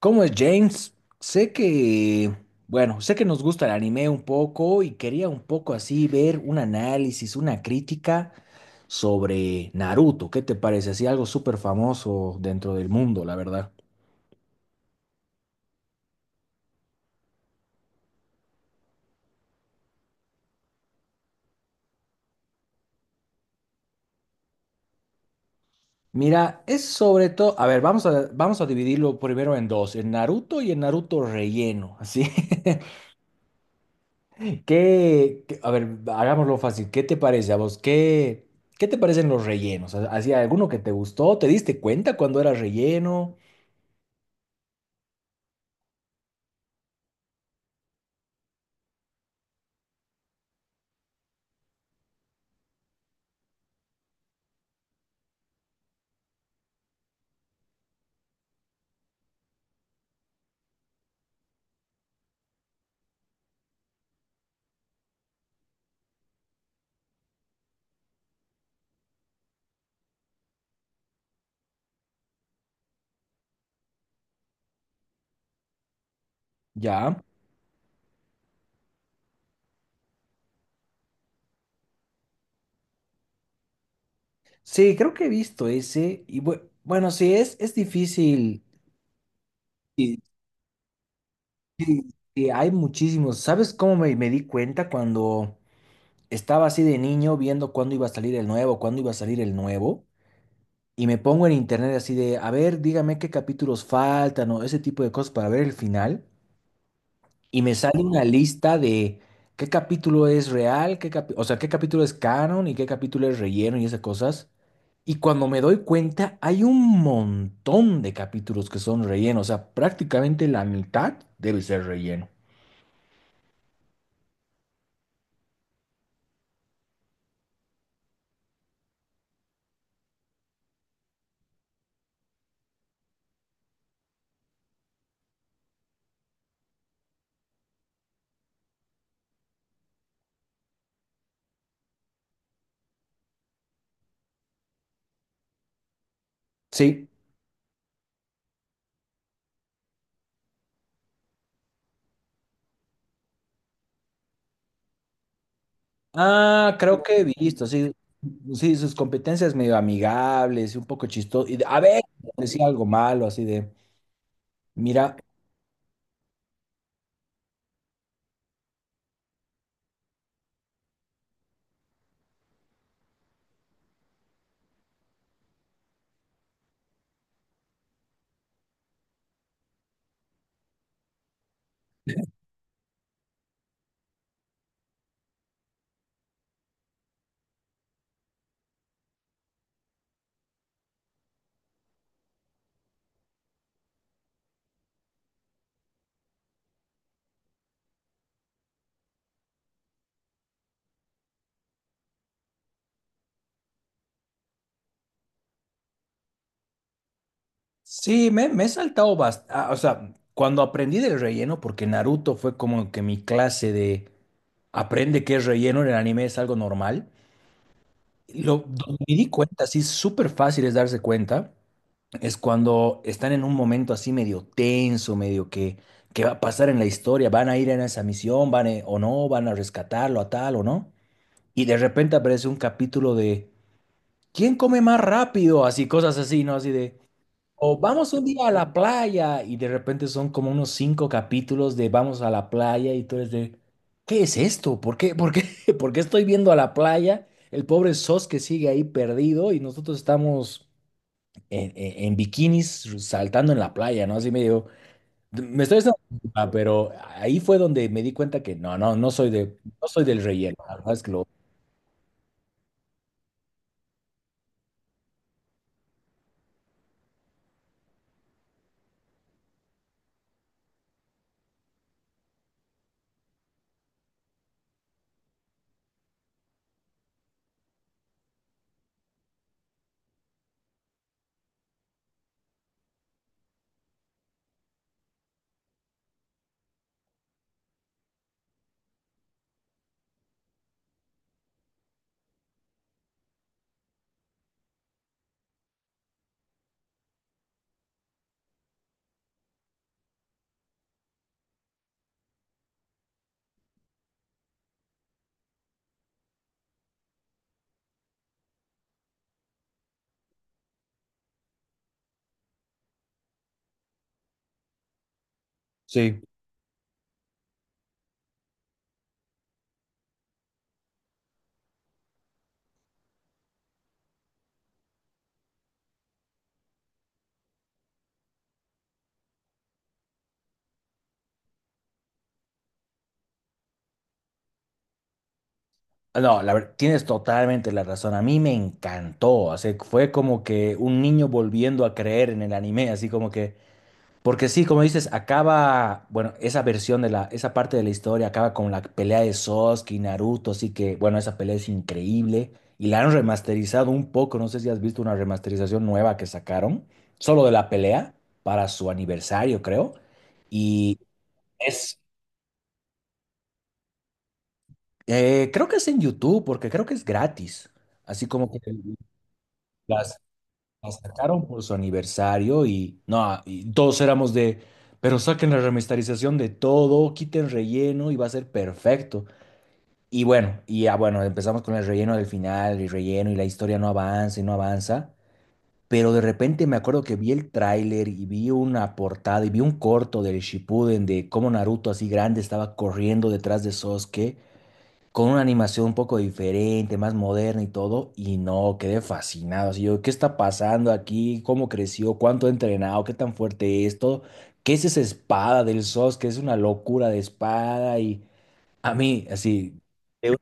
¿Cómo es James? Sé que, bueno, sé que nos gusta el anime un poco y quería un poco así ver un análisis, una crítica sobre Naruto. ¿Qué te parece? Así algo súper famoso dentro del mundo, la verdad. Mira, es sobre todo, a ver, vamos a dividirlo primero en dos, el Naruto y el Naruto relleno, así. A ver, hagámoslo fácil. ¿Qué te parece a vos? ¿Qué te parecen los rellenos? ¿Hacía alguno que te gustó? ¿Te diste cuenta cuando era relleno? Ya. Sí, creo que he visto ese. Y bueno, sí, es difícil. Y, y- y hay muchísimos. ¿Sabes cómo me di cuenta cuando estaba así de niño viendo cuándo iba a salir el nuevo, cuándo iba a salir el nuevo? Y me pongo en internet así de, a ver, dígame qué capítulos faltan o ese tipo de cosas para ver el final. Y me sale una lista de qué capítulo es real, o sea, qué capítulo es canon y qué capítulo es relleno y esas cosas. Y cuando me doy cuenta, hay un montón de capítulos que son relleno, o sea, prácticamente la mitad debe ser relleno. Sí. Ah, creo que he visto, sí. Sí, sus competencias medio amigables y un poco chistoso. A ver, decía algo malo, así de, mira. Sí, me he saltado bastante. O sea, cuando aprendí del relleno, porque Naruto fue como que mi clase de aprende qué es relleno en el anime es algo normal. Donde me di cuenta, así súper fácil es darse cuenta, es cuando están en un momento así medio tenso, medio que va a pasar en la historia, van a ir en esa misión, o no, van a rescatarlo a tal o no. Y de repente aparece un capítulo de ¿quién come más rápido? Así, cosas así, ¿no? Así de. O vamos un día a la playa y de repente son como unos cinco capítulos de vamos a la playa y tú eres de, ¿qué es esto? ¿Por qué? ¿Por qué? ¿Por qué estoy viendo a la playa? El pobre Sos que sigue ahí perdido y nosotros estamos en bikinis saltando en la playa, ¿no? Así medio, me estoy haciendo culpa, pero ahí fue donde me di cuenta que no, no, no soy de, no soy del relleno, la verdad es que lo... Sí. No, tienes totalmente la razón. A mí me encantó. O sea, fue como que un niño volviendo a creer en el anime, así como que. Porque sí, como dices, acaba. Bueno, esa versión de la. Esa parte de la historia acaba con la pelea de Sasuke y Naruto. Así que, bueno, esa pelea es increíble. Y la han remasterizado un poco. No sé si has visto una remasterización nueva que sacaron. Solo de la pelea. Para su aniversario, creo. Y es. Creo que es en YouTube, porque creo que es gratis. Así como que. La La sacaron por su aniversario y no, y todos éramos de, pero saquen la remasterización de todo, quiten relleno y va a ser perfecto. Y bueno, y ya bueno, empezamos con el relleno del final y relleno y la historia no avanza y no avanza. Pero de repente me acuerdo que vi el tráiler y vi una portada y vi un corto del Shippuden de cómo Naruto así grande estaba corriendo detrás de Sasuke con una animación un poco diferente, más moderna y todo, y no, quedé fascinado. Así yo, ¿qué está pasando aquí? ¿Cómo creció? ¿Cuánto ha entrenado? ¿Qué tan fuerte es todo? ¿Qué es esa espada del SOS? Que es una locura de espada y a mí, así, de-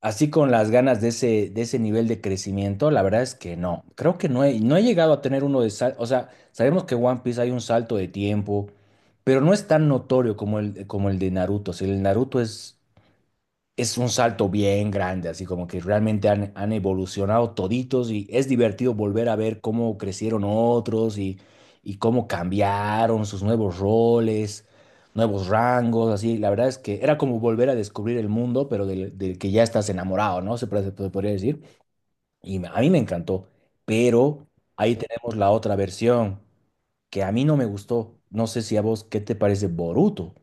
así con las ganas de ese nivel de crecimiento, la verdad es que no. Creo que no he llegado a tener uno de sal, o sea, sabemos que One Piece hay un salto de tiempo, pero no es tan notorio como como el de Naruto. O sea, el Naruto es un salto bien grande, así como que realmente han evolucionado toditos y es divertido volver a ver cómo crecieron otros y cómo cambiaron sus nuevos roles, nuevos rangos, así. La verdad es que era como volver a descubrir el mundo, pero del que ya estás enamorado, ¿no? Se podría decir. A mí me encantó, pero ahí tenemos la otra versión que a mí no me gustó. No sé si a vos, ¿qué te parece Boruto?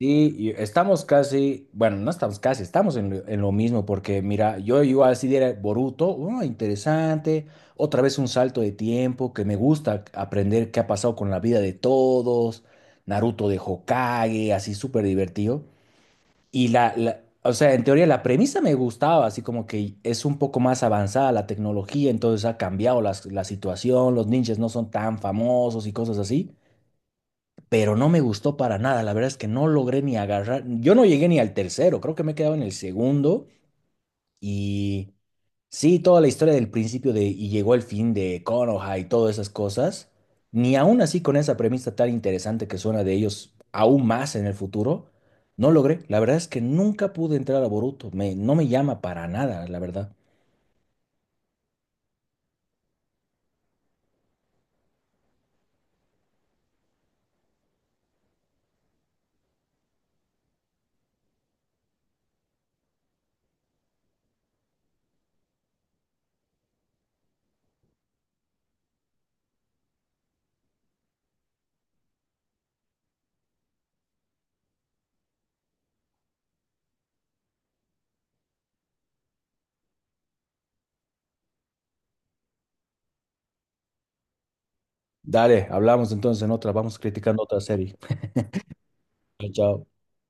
Sí, y estamos casi, bueno, no estamos casi, estamos en en lo mismo, porque mira, yo igual si diera Boruto, oh, interesante, otra vez un salto de tiempo, que me gusta aprender qué ha pasado con la vida de todos, Naruto de Hokage, así súper divertido. O sea, en teoría la premisa me gustaba, así como que es un poco más avanzada la tecnología, entonces ha cambiado la situación, los ninjas no son tan famosos y cosas así, pero no me gustó para nada. La verdad es que no logré ni agarrar. Yo no llegué ni al tercero, creo que me he quedado en el segundo. Y sí, toda la historia del principio de y llegó el fin de Konoha y todas esas cosas. Ni aún así con esa premisa tan interesante que suena de ellos aún más en el futuro, no logré. La verdad es que nunca pude entrar a Boruto. Me, no me llama para nada, la verdad. Dale, hablamos entonces en otra. Vamos criticando otra serie. Chao.